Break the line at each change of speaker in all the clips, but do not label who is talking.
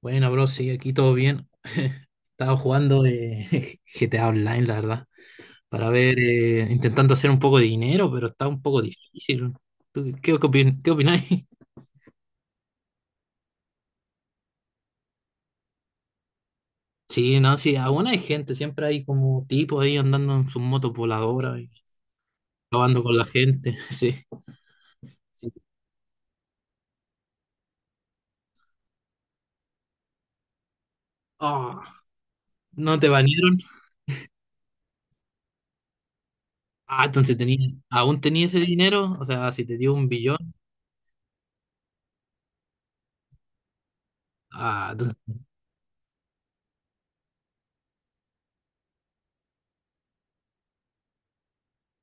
Bueno, bro, sí, aquí todo bien. Estaba jugando GTA Online, la verdad, para ver, intentando hacer un poco de dinero, pero está un poco difícil. ¿Tú qué opináis? Sí, no, sí, aún hay gente, siempre hay como tipos ahí andando en sus motos voladoras y acabando con la gente, sí. Sí. Ah, ¿no te banearon? Ah, entonces aún tenía ese dinero, o sea, si te dio un billón, ah, entonces,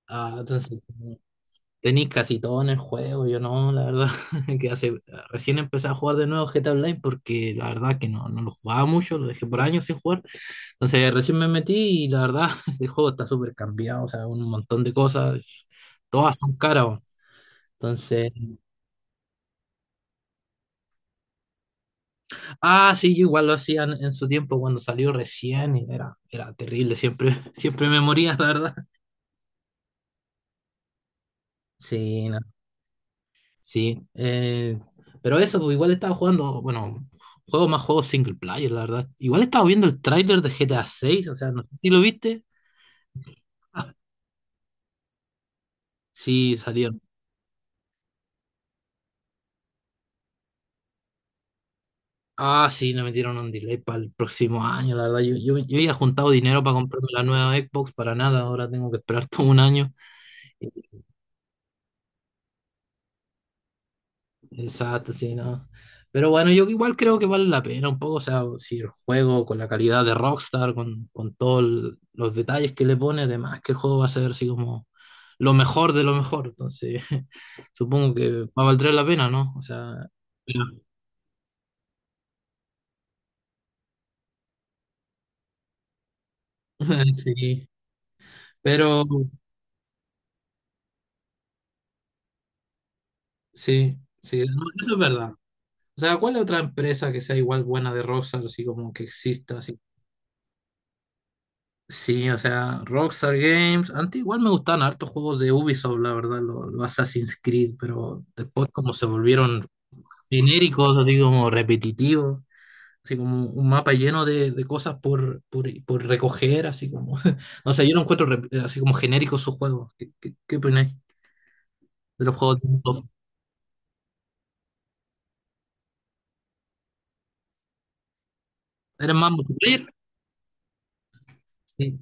ah, entonces, Tenéis casi todo en el juego, yo no, la verdad, que hace, recién empecé a jugar de nuevo GTA Online porque la verdad que no lo jugaba mucho, lo dejé por años sin jugar, entonces recién me metí y la verdad, este juego está súper cambiado, o sea, un montón de cosas, todas son caras, weón. Entonces, ah, sí, yo igual lo hacían en su tiempo cuando salió recién y era terrible, siempre, siempre me moría, la verdad, sí, no. Sí, pero eso, pues igual estaba jugando, bueno, juegos single player, la verdad. Igual estaba viendo el tráiler de GTA 6, o sea, no sé si lo viste. Ah, sí, salieron. Ah, sí, le metieron un delay para el próximo año, la verdad. Yo había juntado dinero para comprarme la nueva Xbox para nada, ahora tengo que esperar todo un año. Exacto, sí, no. Pero bueno, yo igual creo que vale la pena un poco, o sea, si el juego con la calidad de Rockstar, con todos los detalles que le pone, además que el juego va a ser así como lo mejor de lo mejor, entonces supongo que va a valer la pena, ¿no? O sea, pero- sí, pero sí, sí, no, eso es verdad. O sea, ¿cuál es otra empresa que sea igual buena de Rockstar, así como que exista, así? Sí, o sea, Rockstar Games. Antes igual me gustaban hartos juegos de Ubisoft, la verdad, los Assassin's Creed, pero después como se volvieron genéricos, así como repetitivos, así como un mapa lleno de cosas por recoger, así como... No sé, yo no encuentro así como genéricos sus juegos. ¿Qué opináis de los juegos de Ubisoft? ¿Eres más multiplayer? Sí,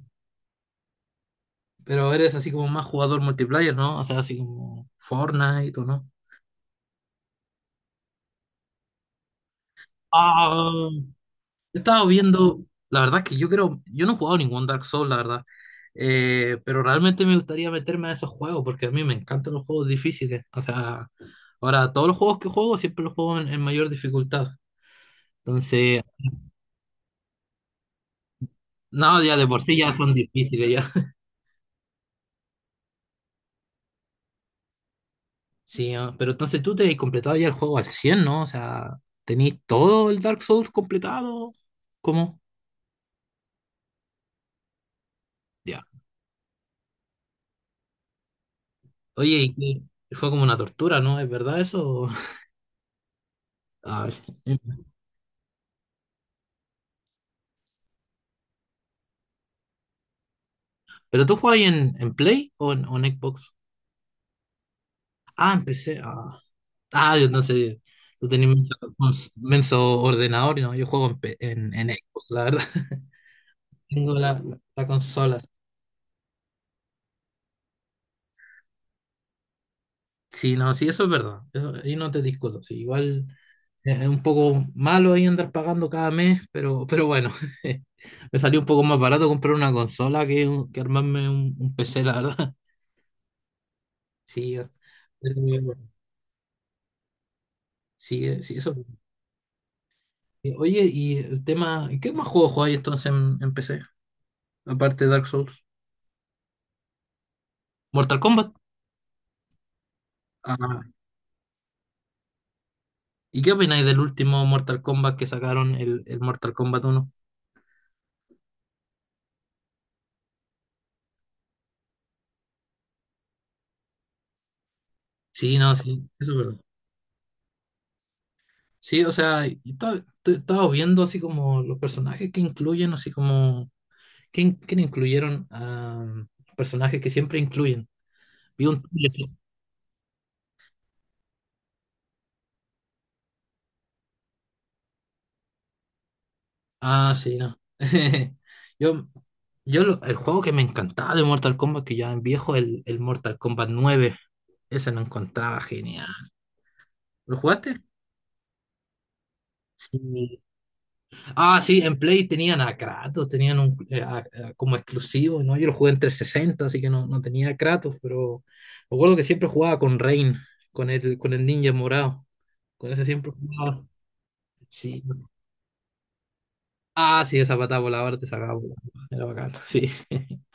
pero eres así como más jugador multiplayer, ¿no? O sea, así como Fortnite o no. Ah. He estado viendo, la verdad es que yo creo, yo no he jugado ningún Dark Souls, la verdad. Pero realmente me gustaría meterme a esos juegos porque a mí me encantan los juegos difíciles. O sea, ahora todos los juegos que juego siempre los juego en mayor dificultad. Entonces, no, ya de por sí ya son difíciles ya. Sí, ah, pero entonces tú te has completado ya el juego al 100, ¿no? O sea, ¿tenéis todo el Dark Souls completado? ¿Cómo? Ya. Oye, y fue como una tortura, ¿no? ¿Es verdad eso? Ah. ¿Pero tú jugabas en Play o en Xbox? Ah, empecé. Yo no sé. Tú tenías menso, menso ordenador, ¿no? Yo juego en Xbox, la verdad. Tengo la consola. Sí, no, sí, eso es verdad. Eso, ahí no te discuto. Sí, igual es un poco malo ahí andar pagando cada mes, pero bueno, me salió un poco más barato comprar una consola que armarme un PC, la verdad. Sí, pero, sí, sí, eso. Oye, y el tema, ¿qué más juegos jugáis entonces en PC? Aparte de Dark Souls. Mortal Kombat. Ah, ¿y qué opináis del último Mortal Kombat que sacaron, el Mortal Kombat 1? Sí, no, sí, eso es verdad. Sí, o sea, y estaba viendo así como los personajes que incluyen, así como, ¿quién incluyeron? Ah, personajes que siempre incluyen. Vi un tráiler, sí. Ah, sí, no. Yo, yo, el juego que me encantaba de Mortal Kombat, que ya es viejo, el Mortal Kombat 9. Ese lo encontraba genial. ¿Lo jugaste? Sí. Ah, sí, en Play tenían a Kratos, tenían como exclusivo, ¿no? Yo lo jugué en 360 así que no, tenía a Kratos, pero me acuerdo que siempre jugaba con Rain, con el ninja morado. Con ese siempre jugaba. Sí. Ah, sí, esa patada voladora te sacaba volando. Era bacán, sí.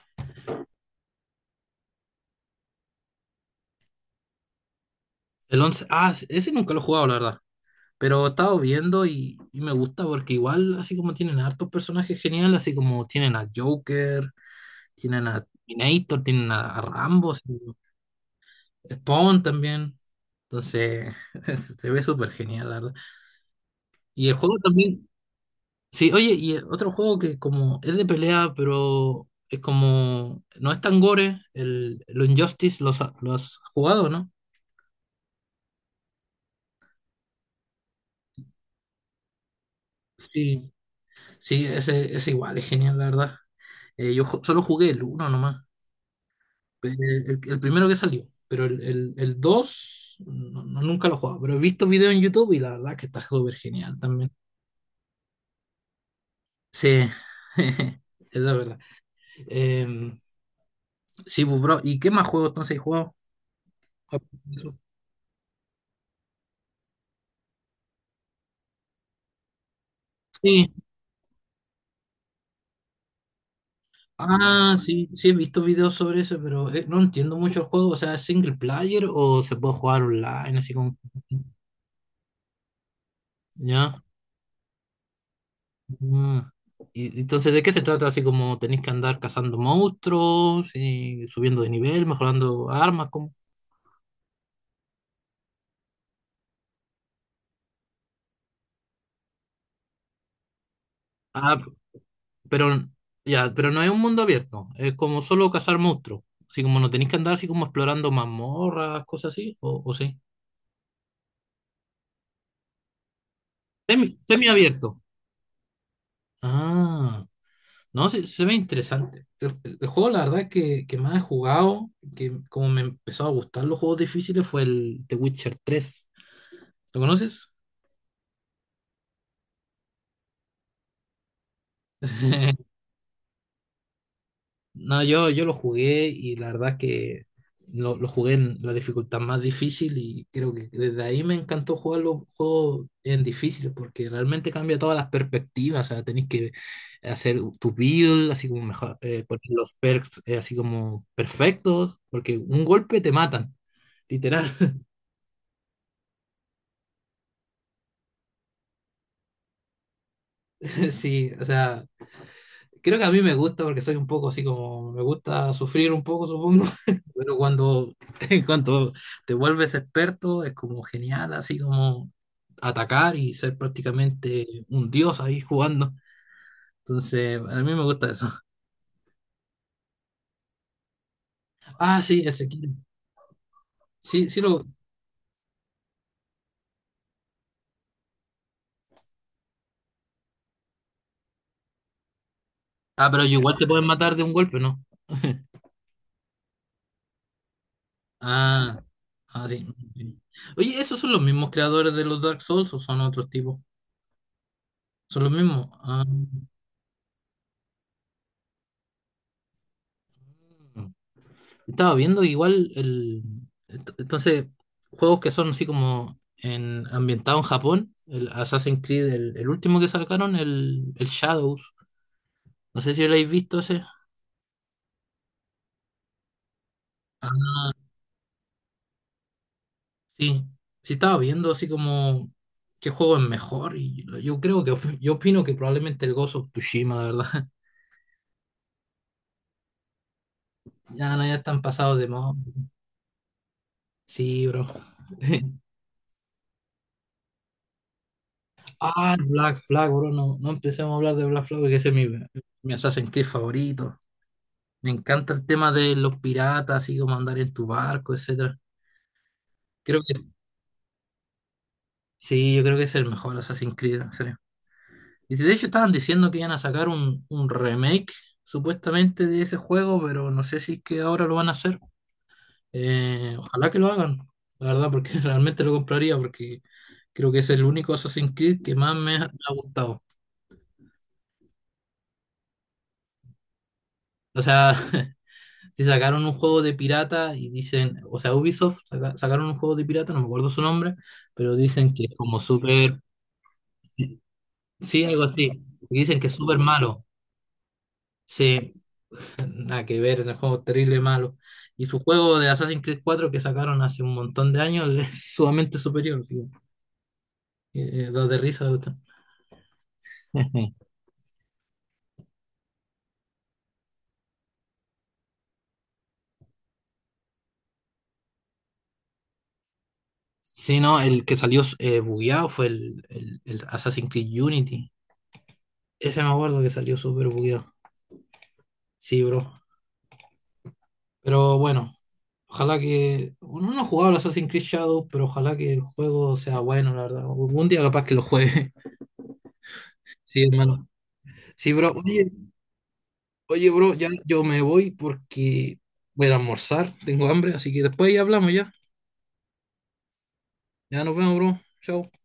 El 11, ah, ese nunca lo he jugado, la verdad. Pero he estado viendo y, me gusta porque igual, así como tienen hartos personajes geniales, así como tienen al Joker, tienen a Terminator, tienen a Rambo, Spawn también. Entonces, se ve súper genial, la verdad. Y el juego también, sí, oye, y otro juego que como es de pelea, pero es como, no es tan gore, el Injustice, ¿lo has jugado, no? Sí, sí, ese igual, es genial, la verdad. Yo solo jugué el 1 nomás. Eh, el primero que salió, pero el 2 nunca lo he jugado, pero he visto videos en YouTube y la verdad que está súper genial también. Sí, es la verdad. Eh, sí, pues, bro, ¿y qué más juegos entonces he jugado? Sí, ah, sí, sí, he visto videos sobre eso, pero no entiendo mucho el juego, o sea, ¿es single player o se puede jugar online así como... ¿Ya? Ah, y entonces, ¿de qué se trata? Así como tenéis que andar cazando monstruos y subiendo de nivel, mejorando armas, como... Ah, pero ya, pero no es un mundo abierto, es como solo cazar monstruos. Así como no tenéis que andar así como explorando mazmorras, cosas así, o sí. Semi abierto. Ah, no, se ve interesante. El juego, la verdad es que más he jugado, que como me empezó a gustar los juegos difíciles, fue el The Witcher 3. ¿Lo conoces? No, yo lo jugué y la verdad es que lo jugué en la dificultad más difícil y creo que desde ahí me encantó jugar los juegos en difíciles porque realmente cambia todas las perspectivas, o sea, tenés que hacer tu build, así como mejor, poner los perks así como perfectos, porque un golpe te matan, literal, sí, o sea, creo que a mí me gusta porque soy un poco así como, me gusta sufrir un poco, supongo, pero cuando, cuando te vuelves experto es como genial, así como atacar y ser prácticamente un dios ahí jugando. Entonces, a mí me gusta eso. Ah, sí, el Sekiro. Sí, sí lo... Ah, pero igual te pueden matar de un golpe, ¿no? Ah, sí. Oye, ¿esos son los mismos creadores de los Dark Souls o son otros tipos? Son los mismos. Ah. Estaba viendo igual el. Entonces, juegos que son así como ambientados en Japón, el Assassin's Creed, el último que sacaron, el Shadows. No sé si lo habéis visto ese. Ah, sí. Sí, estaba viendo así como qué juego es mejor. Y yo creo que yo opino que probablemente el Ghost of Tsushima, la verdad. Ya, no, ya están pasados de moda. Sí, bro. Ah, Black Flag, bro. No, no empecemos a hablar de Black Flag, porque ese es mi Assassin's Creed favorito. Me encanta el tema de los piratas, así como andar en tu barco, etcétera. Creo que sí, yo creo que es el mejor Assassin's Creed, en serio. Y de hecho estaban diciendo que iban a sacar un remake, supuestamente, de ese juego, pero no sé si es que ahora lo van a hacer. Ojalá que lo hagan, la verdad, porque realmente lo compraría, porque creo que es el único Assassin's Creed que más me ha gustado. O sea, si sacaron un juego de pirata y dicen, o sea, Ubisoft sacaron un juego de pirata, no me acuerdo su nombre, pero dicen que es como súper. Sí, algo así. Dicen que es súper malo. Sí, nada que ver, es un juego terrible malo. Y su juego de Assassin's Creed 4 que sacaron hace un montón de años es sumamente superior. Así que, da de risa la cuestión. Sí, no, el que salió bugueado fue el Assassin's Creed Unity. Ese me acuerdo que salió súper bugueado. Sí, bro. Pero bueno, ojalá que. Uno no ha jugado al Assassin's Creed Shadow, pero ojalá que el juego sea bueno, la verdad. Algún día capaz que lo juegue. Sí, hermano. Sí, bro. Oye, bro, ya yo me voy porque voy a ir a almorzar, tengo hambre, así que después ya hablamos ya. Ya nos vemos, bro. Chao.